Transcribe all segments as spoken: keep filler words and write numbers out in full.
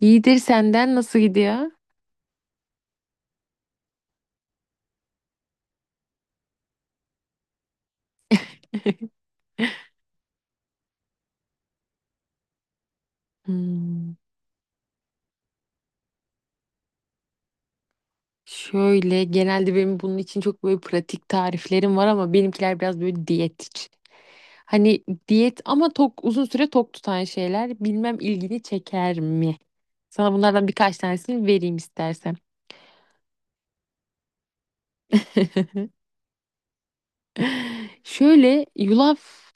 İyidir senden nasıl gidiyor? Hmm. Şöyle genelde benim bunun için çok böyle pratik tariflerim var ama benimkiler biraz böyle diyet için. Hani diyet ama tok uzun süre tok tutan şeyler bilmem ilgini çeker mi? Sana bunlardan birkaç tanesini vereyim istersen. Şöyle yulaf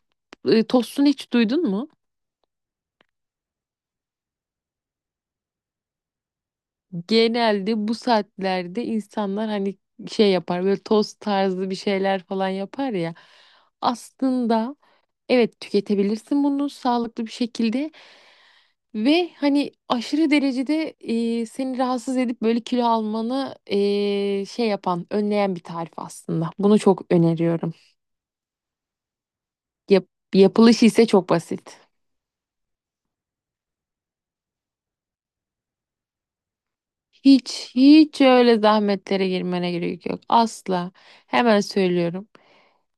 e, tostunu hiç duydun mu? Genelde bu saatlerde insanlar hani şey yapar böyle tost tarzı bir şeyler falan yapar ya. Aslında evet tüketebilirsin bunu sağlıklı bir şekilde ve hani aşırı derecede, e, seni rahatsız edip böyle kilo almanı, e, şey yapan önleyen bir tarif aslında. Bunu çok öneriyorum. Yap, yapılışı ise çok basit. Hiç hiç öyle zahmetlere girmene gerek yok asla. Hemen söylüyorum.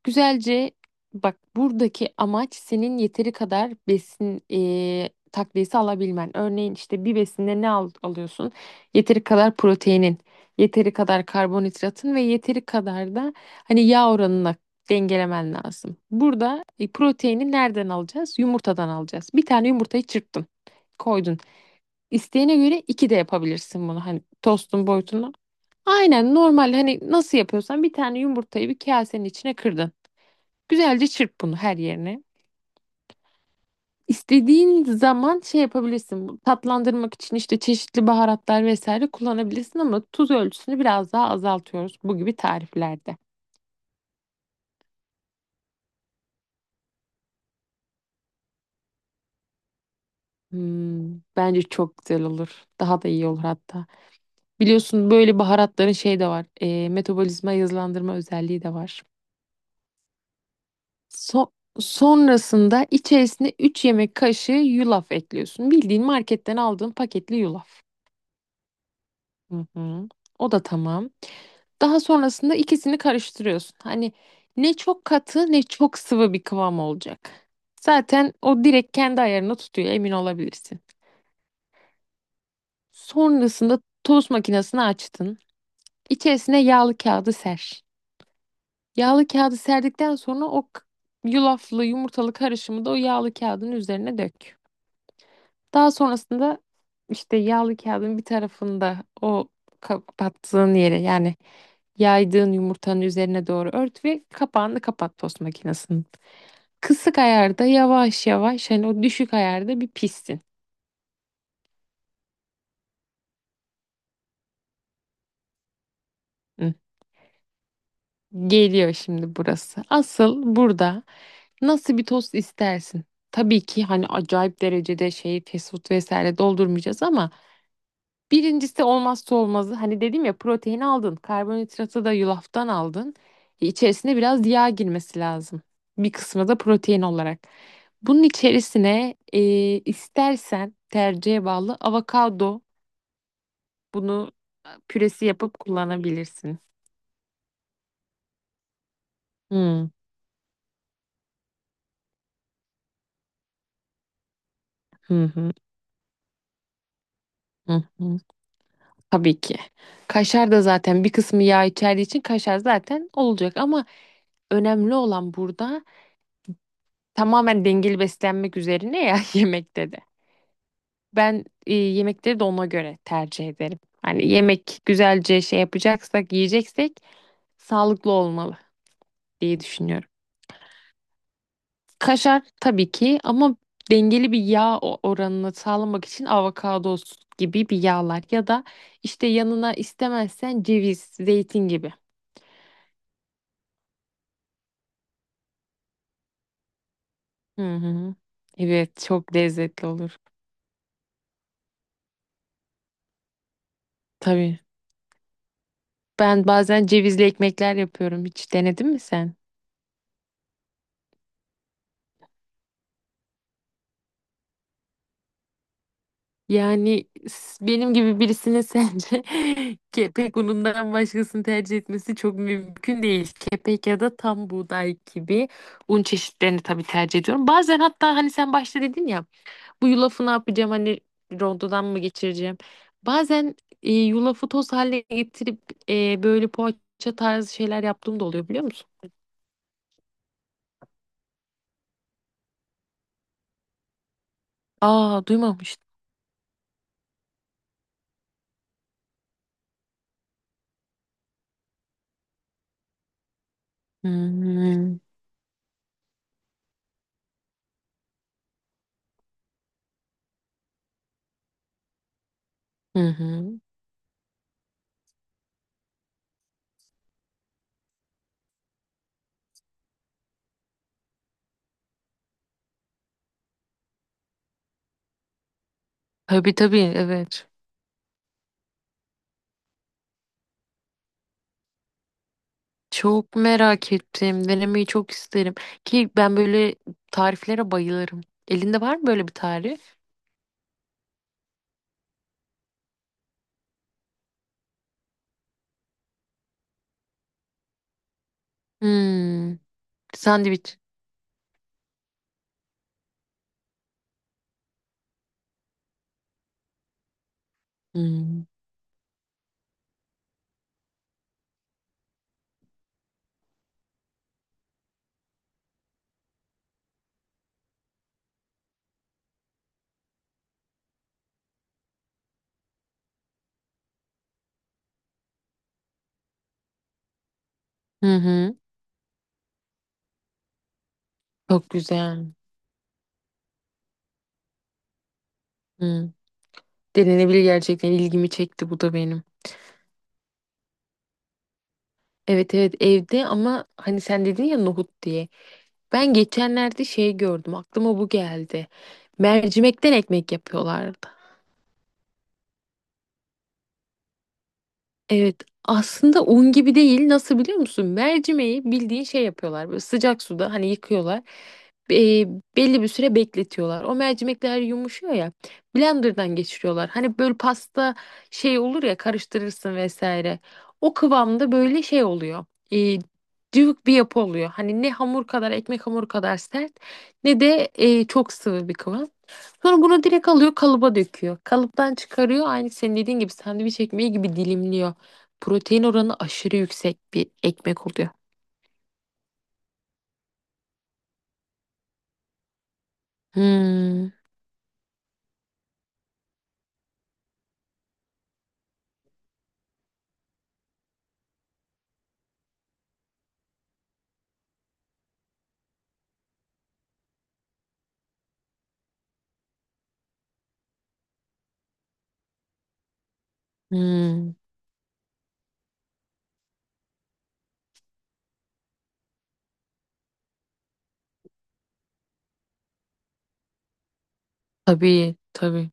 Güzelce bak, buradaki amaç senin yeteri kadar besin e, takviyesi alabilmen. Örneğin işte bir besinde ne al- alıyorsun? Yeteri kadar proteinin, yeteri kadar karbonhidratın ve yeteri kadar da hani yağ oranına dengelemen lazım. Burada e, proteini nereden alacağız? Yumurtadan alacağız. Bir tane yumurtayı çırptın, koydun. İsteğine göre iki de yapabilirsin bunu, hani tostun boyutunu. Aynen, normal hani nasıl yapıyorsan bir tane yumurtayı bir kasenin içine kırdın. Güzelce çırp bunu her yerine. İstediğin zaman şey yapabilirsin. bu Tatlandırmak için işte çeşitli baharatlar vesaire kullanabilirsin ama tuz ölçüsünü biraz daha azaltıyoruz bu gibi tariflerde. Hmm, bence çok güzel olur. Daha da iyi olur hatta. Biliyorsun böyle baharatların şey de var. E, metabolizma hızlandırma özelliği de var. So- Sonrasında içerisine üç yemek kaşığı yulaf ekliyorsun. Bildiğin marketten aldığın paketli yulaf. Hı hı. O da tamam. Daha sonrasında ikisini karıştırıyorsun. Hani ne çok katı ne çok sıvı bir kıvam olacak. Zaten o direkt kendi ayarını tutuyor, emin olabilirsin. Sonrasında tost makinesini açtın. İçerisine yağlı kağıdı ser. Yağlı kağıdı serdikten sonra o k- yulaflı yumurtalı karışımı da o yağlı kağıdın üzerine dök. Daha sonrasında işte yağlı kağıdın bir tarafında o kapattığın yere, yani yaydığın yumurtanın üzerine doğru ört ve kapağını kapat tost makinesinin. Kısık ayarda yavaş yavaş, hani o düşük ayarda bir pişsin. Hı. Geliyor şimdi burası. Asıl burada nasıl bir tost istersin? Tabii ki hani acayip derecede şey, fast food vesaire doldurmayacağız ama birincisi olmazsa olmazı, hani dedim ya, protein aldın, karbonhidratı da yulaftan aldın. E, İçerisine biraz yağ girmesi lazım. Bir kısmı da protein olarak. Bunun içerisine, e, istersen tercihe bağlı avokado, bunu püresi yapıp kullanabilirsin. Hı hı. Hı hı. Hı. Tabii ki. Kaşar da zaten bir kısmı yağ içerdiği için kaşar zaten olacak ama önemli olan burada tamamen dengeli beslenmek üzerine ya, yemekte de. Ben, e, yemekleri de ona göre tercih ederim. Hani yemek güzelce şey yapacaksak, yiyeceksek sağlıklı olmalı diye düşünüyorum. Kaşar tabii ki ama dengeli bir yağ o- oranını sağlamak için avokado gibi bir yağlar ya da işte yanına istemezsen ceviz, zeytin gibi. Hı hı. Evet, çok lezzetli olur. Tabii. Ben bazen cevizli ekmekler yapıyorum. Hiç denedin mi sen? Yani s- benim gibi birisine sence kepek unundan başkasını tercih etmesi çok mümkün değil. Kepek ya da tam buğday gibi un çeşitlerini tabii tercih ediyorum. Bazen hatta hani sen başta dedin ya bu yulafı ne yapacağım, hani rondodan mı geçireceğim. Bazen e, yulafı toz haline getirip e, böyle poğaça tarzı şeyler yaptığım da oluyor, biliyor musun? Aa, duymamıştım. Hmm. Hı hı. Tabii tabii, evet. Çok merak ettim. Denemeyi çok isterim. Ki ben böyle tariflere bayılırım. Elinde var mı böyle bir tarif? Hmm. Sandviç. Hmm. Hı hı. Çok güzel. Hı, denenebilir gerçekten. İlgimi çekti bu da benim. Evet evet, evde. Ama hani sen dedin ya nohut diye. Ben geçenlerde şey gördüm. Aklıma bu geldi. Mercimekten ekmek yapıyorlardı. Evet, aslında un gibi değil. Nasıl biliyor musun? Mercimeği bildiğin şey yapıyorlar. Böyle sıcak suda hani yıkıyorlar. Be- Belli bir süre bekletiyorlar. O mercimekler yumuşuyor ya. Blender'dan geçiriyorlar. Hani böyle pasta şey olur ya, karıştırırsın vesaire. O kıvamda böyle şey oluyor. E, cıvık bir yapı oluyor. Hani ne hamur kadar, ekmek hamuru kadar sert, ne de e, çok sıvı bir kıvam. Sonra bunu direkt alıyor kalıba döküyor. Kalıptan çıkarıyor, aynı senin dediğin gibi sandviç ekmeği gibi dilimliyor. Protein oranı aşırı yüksek bir ekmek oluyor. Hmm. Hmm. Tabii, tabii.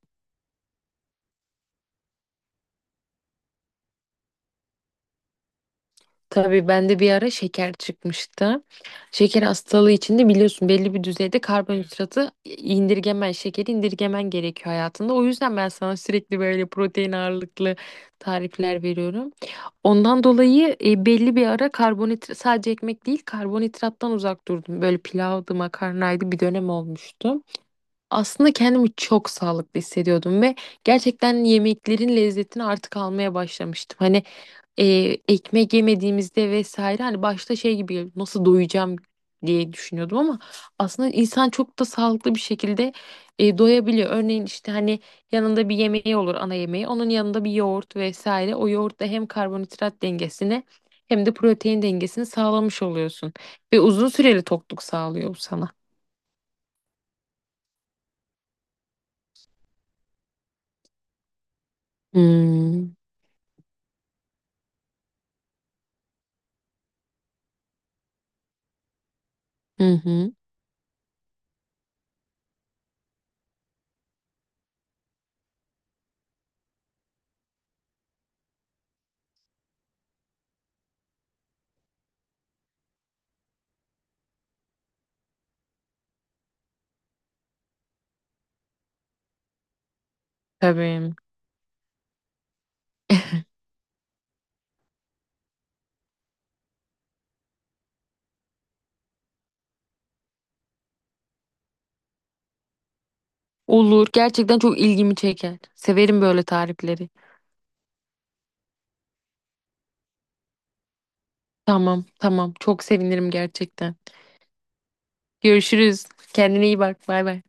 Tabii, bende bir ara şeker çıkmıştı. Şeker hastalığı içinde biliyorsun belli bir düzeyde karbonhidratı indirgemen, şekeri indirgemen gerekiyor hayatında. O yüzden ben sana sürekli böyle protein ağırlıklı tarifler veriyorum. Ondan dolayı e, belli bir ara karbonhidrat, sadece ekmek değil, karbonhidrattan uzak durdum. Böyle pilavdı, makarnaydı, bir dönem olmuştu. Aslında kendimi çok sağlıklı hissediyordum ve gerçekten yemeklerin lezzetini artık almaya başlamıştım. Hani, e, ekmek yemediğimizde vesaire hani başta şey gibi geliyor, nasıl doyacağım diye düşünüyordum ama aslında insan çok da sağlıklı bir şekilde, e, doyabiliyor. Örneğin işte hani yanında bir yemeği olur, ana yemeği, onun yanında bir yoğurt vesaire, o yoğurt da hem karbonhidrat dengesini hem de protein dengesini sağlamış oluyorsun ve uzun süreli tokluk sağlıyor bu sana. Hmm. Hı hı. Tabii. Olur. Gerçekten çok ilgimi çeker. Severim böyle tarifleri. Tamam, tamam. Çok sevinirim gerçekten. Görüşürüz. Kendine iyi bak. Bay bay.